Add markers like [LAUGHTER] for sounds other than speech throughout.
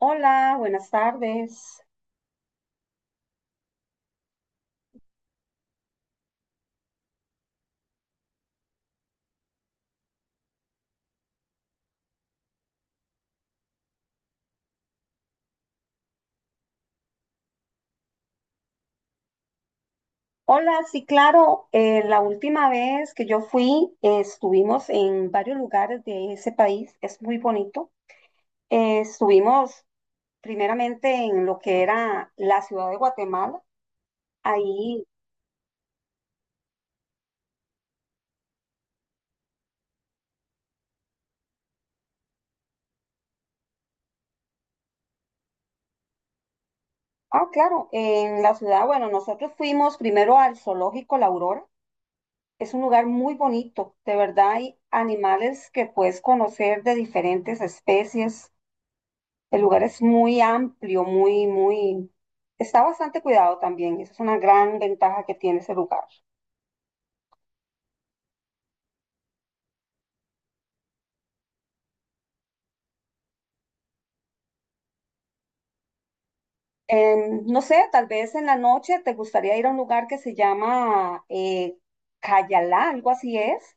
Hola, buenas tardes. Hola, sí, claro, la última vez que yo fui, estuvimos en varios lugares de ese país, es muy bonito. Estuvimos primeramente en lo que era la ciudad de Guatemala, ahí, ah, claro, en la ciudad, bueno, nosotros fuimos primero al zoológico La Aurora, es un lugar muy bonito, de verdad hay animales que puedes conocer de diferentes especies. El lugar es muy amplio, muy, muy. Está bastante cuidado también. Esa es una gran ventaja que tiene ese lugar. No sé, tal vez en la noche te gustaría ir a un lugar que se llama Cayalá, algo así es.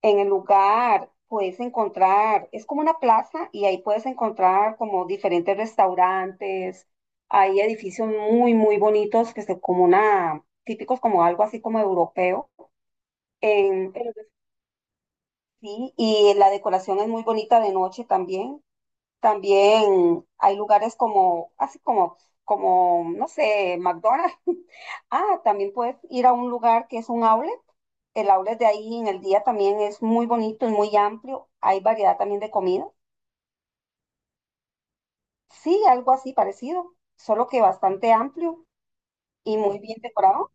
En el lugar puedes encontrar, es como una plaza y ahí puedes encontrar como diferentes restaurantes. Hay edificios muy, muy bonitos que son como una, típicos como algo así como europeo. En, Sí, y la decoración es muy bonita de noche también. También hay lugares como, no sé, McDonald's. [LAUGHS] Ah, también puedes ir a un lugar que es un outlet. El outlet de ahí en el día también es muy bonito y muy amplio. Hay variedad también de comida. Sí, algo así parecido, solo que bastante amplio y muy bien decorado.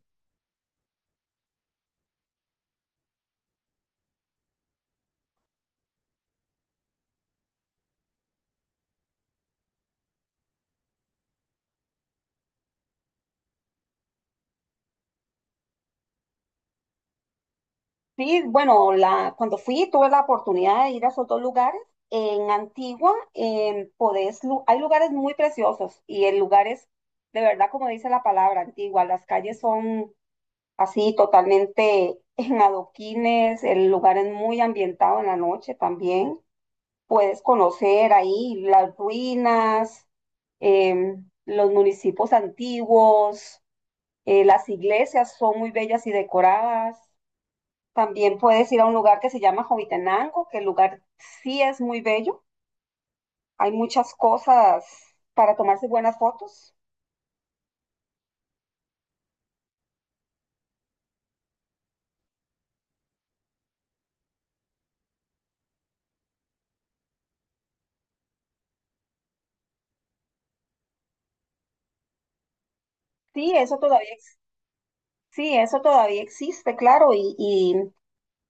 Sí, bueno, la, cuando fui tuve la oportunidad de ir a esos dos lugares. En Antigua podés, hay lugares muy preciosos y el lugar es, de verdad, como dice la palabra, Antigua. Las calles son así totalmente [LAUGHS] en adoquines, el lugar es muy ambientado en la noche también. Puedes conocer ahí las ruinas, los municipios antiguos, las iglesias son muy bellas y decoradas. También puedes ir a un lugar que se llama Jovitenango, que el lugar sí es muy bello. Hay muchas cosas para tomarse buenas fotos. Sí, eso todavía, ex- sí, eso todavía existe, claro, y, y,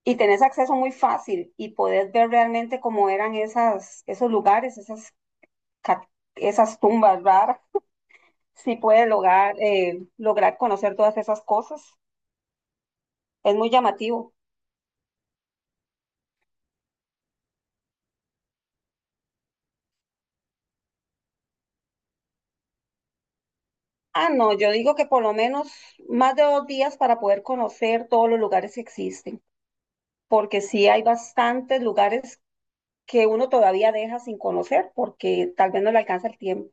y tenés acceso muy fácil y podés ver realmente cómo eran esas, esos lugares, ca- esas tumbas raras. Sí puedes lograr conocer todas esas cosas. Es muy llamativo. Ah, no, yo digo que por lo menos más de 2 días para poder conocer todos los lugares que existen. Porque sí hay bastantes lugares que uno todavía deja sin conocer porque tal vez no le alcanza el tiempo.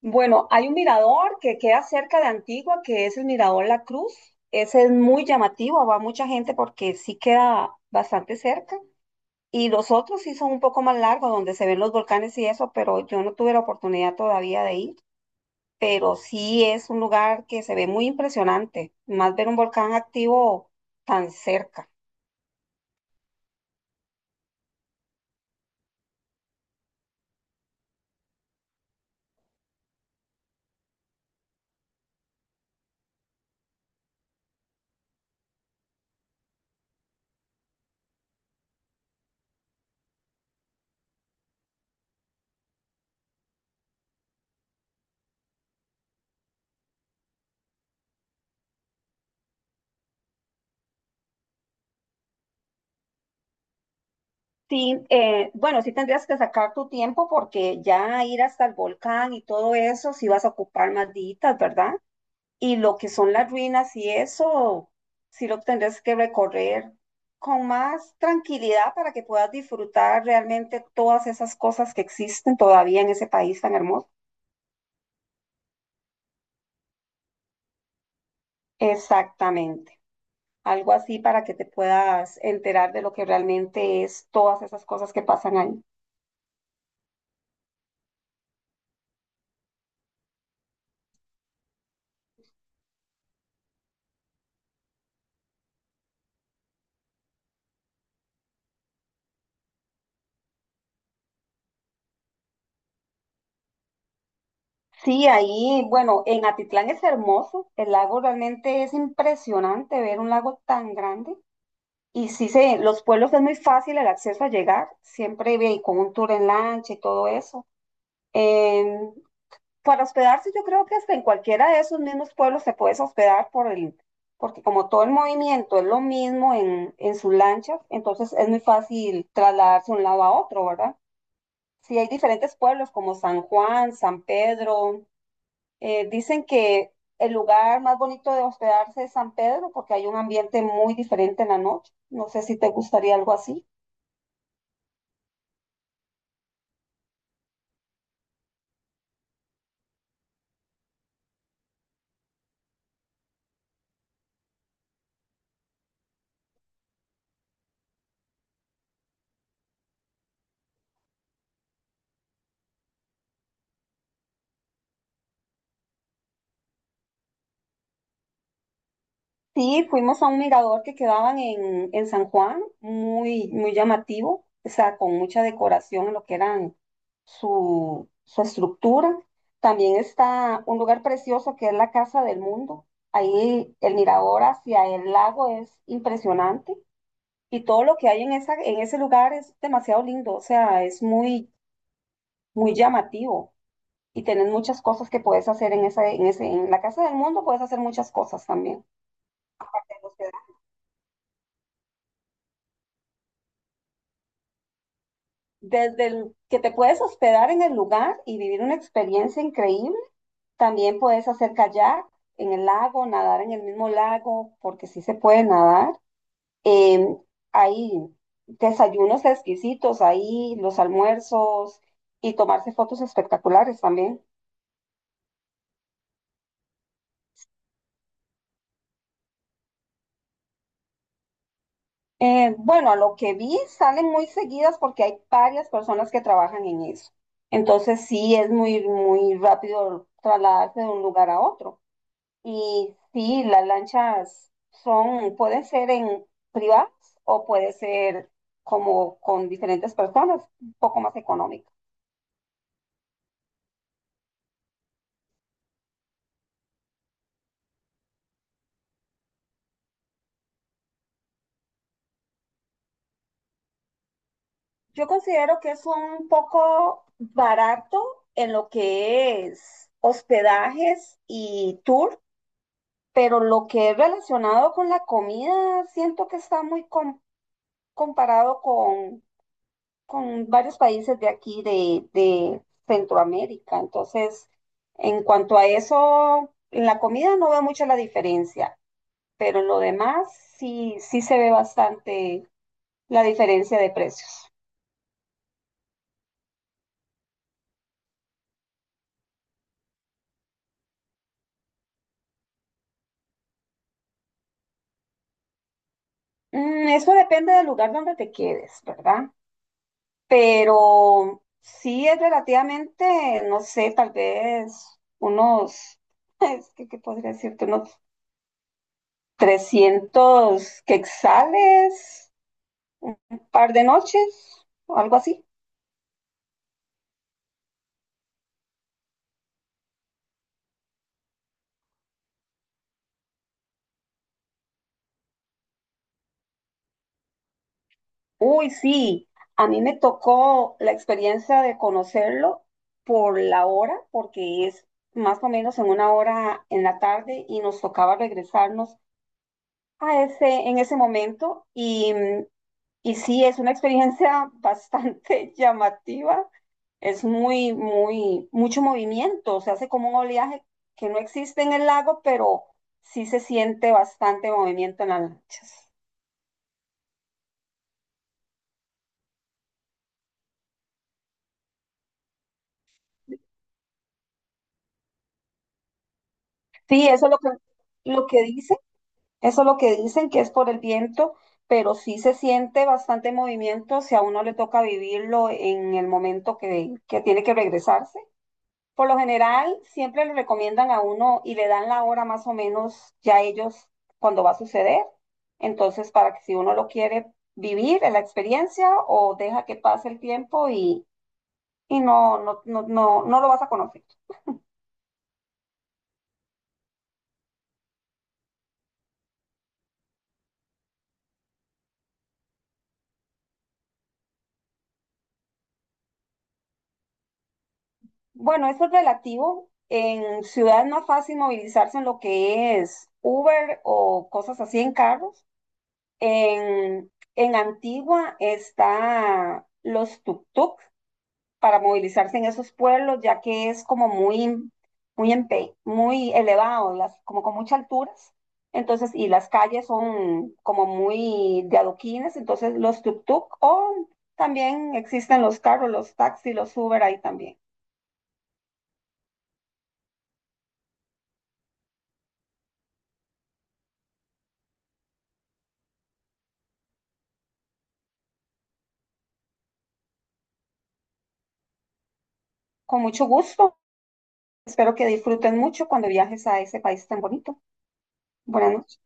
Bueno, hay un mirador que queda cerca de Antigua, que es el Mirador La Cruz. Ese es muy llamativo, va mucha gente porque sí queda bastante cerca. Y los otros sí son un poco más largos, donde se ven los volcanes y eso, pero yo no tuve la oportunidad todavía de ir. Pero sí es un lugar que se ve muy impresionante, más ver un volcán activo tan cerca. Sí, bueno, sí tendrías que sacar tu tiempo porque ya ir hasta el volcán y todo eso, sí vas a ocupar más días, ¿verdad? Y lo que son las ruinas y eso, sí lo tendrías que recorrer con más tranquilidad para que puedas disfrutar realmente todas esas cosas que existen todavía en ese país tan hermoso. Exactamente, algo así para que te puedas enterar de lo que realmente es todas esas cosas que pasan ahí. Sí, ahí, bueno, en Atitlán es hermoso, el lago realmente es impresionante ver un lago tan grande. Y sí, se, los pueblos es muy fácil el acceso a llegar, siempre con un tour en lancha y todo eso. Em, para hospedarse, yo creo que hasta en cualquiera de esos mismos pueblos se puedes hospedar porque como todo el movimiento es lo mismo en sus lanchas, entonces es muy fácil trasladarse de un lado a otro, ¿verdad? Sí, hay diferentes pueblos como San Juan, San Pedro. Dicen que el lugar más bonito de hospedarse es San Pedro porque hay un ambiente muy diferente en la noche. No sé si te gustaría algo así. Sí, fuimos a un mirador que quedaban en San Juan, muy, muy llamativo, o sea, con mucha decoración en lo que eran su estructura. También está un lugar precioso que es la Casa del Mundo. Ahí el mirador hacia el lago es impresionante. Y todo lo que hay en esa, en ese lugar es demasiado lindo, o sea, es muy, muy llamativo. Y tenés muchas cosas que puedes hacer en esa, en la Casa del Mundo puedes hacer muchas cosas también. Desde el que te puedes hospedar en el lugar y vivir una experiencia increíble, también puedes hacer kayak en el lago, nadar en el mismo lago, porque sí se puede nadar. Em, Hay desayunos exquisitos ahí, los almuerzos y tomarse fotos espectaculares también. Bueno, a lo que vi salen muy seguidas porque hay varias personas que trabajan en eso. Entonces sí es muy, muy rápido trasladarse de un lugar a otro. Y sí, las lanchas son, pueden ser en privadas o puede ser como con diferentes personas, un poco más económico. Yo considero que es un poco barato en lo que es hospedajes y tour pero lo que es relacionado con la comida, siento que está muy comparado con varios países de aquí, de Centroamérica. Entonces, en cuanto a eso, en la comida no veo mucho la diferencia, pero en lo demás sí, sí se ve bastante la diferencia de precios. Eso depende del lugar donde te quedes, ¿verdad? Pero sí es relativamente, no sé, tal vez unos, [LAUGHS] es que, ¿qué podría decirte? Unos 300 quetzales, un par de noches, o algo así. Uy, sí, a mí me tocó la experiencia de conocerlo por la hora, porque es más o menos en una hora en la tarde y nos tocaba regresarnos a ese, en ese momento. Y sí, es una experiencia bastante [LAUGHS] llamativa, es muy, muy, mucho movimiento, se hace como un oleaje que no existe en el lago, pero sí se siente bastante movimiento en las lanchas. Sí, lo que dicen, eso es lo que dicen, que es por el viento, pero sí se siente bastante movimiento si a uno le toca vivirlo en el momento que tiene que regresarse. Por lo general, siempre le recomiendan a uno y le dan la hora más o menos ya ellos cuando va a suceder. Entonces, para que si uno lo quiere vivir en la experiencia o deja que pase el tiempo y no, no, no, no, no lo vas a conocer. Bueno, eso es relativo. En ciudad es más fácil movilizarse en lo que es Uber o cosas así en carros. En Antigua está los tuk-tuk para movilizarse en esos pueblos, ya que es como muy, muy, muy elevado, las, como con muchas alturas. Entonces, y las calles son como muy de adoquines, entonces los tuk-tuk o también existen los carros, los taxis, los Uber ahí también. Con mucho gusto. Espero que disfruten mucho cuando viajes a ese país tan bonito. Buenas noches.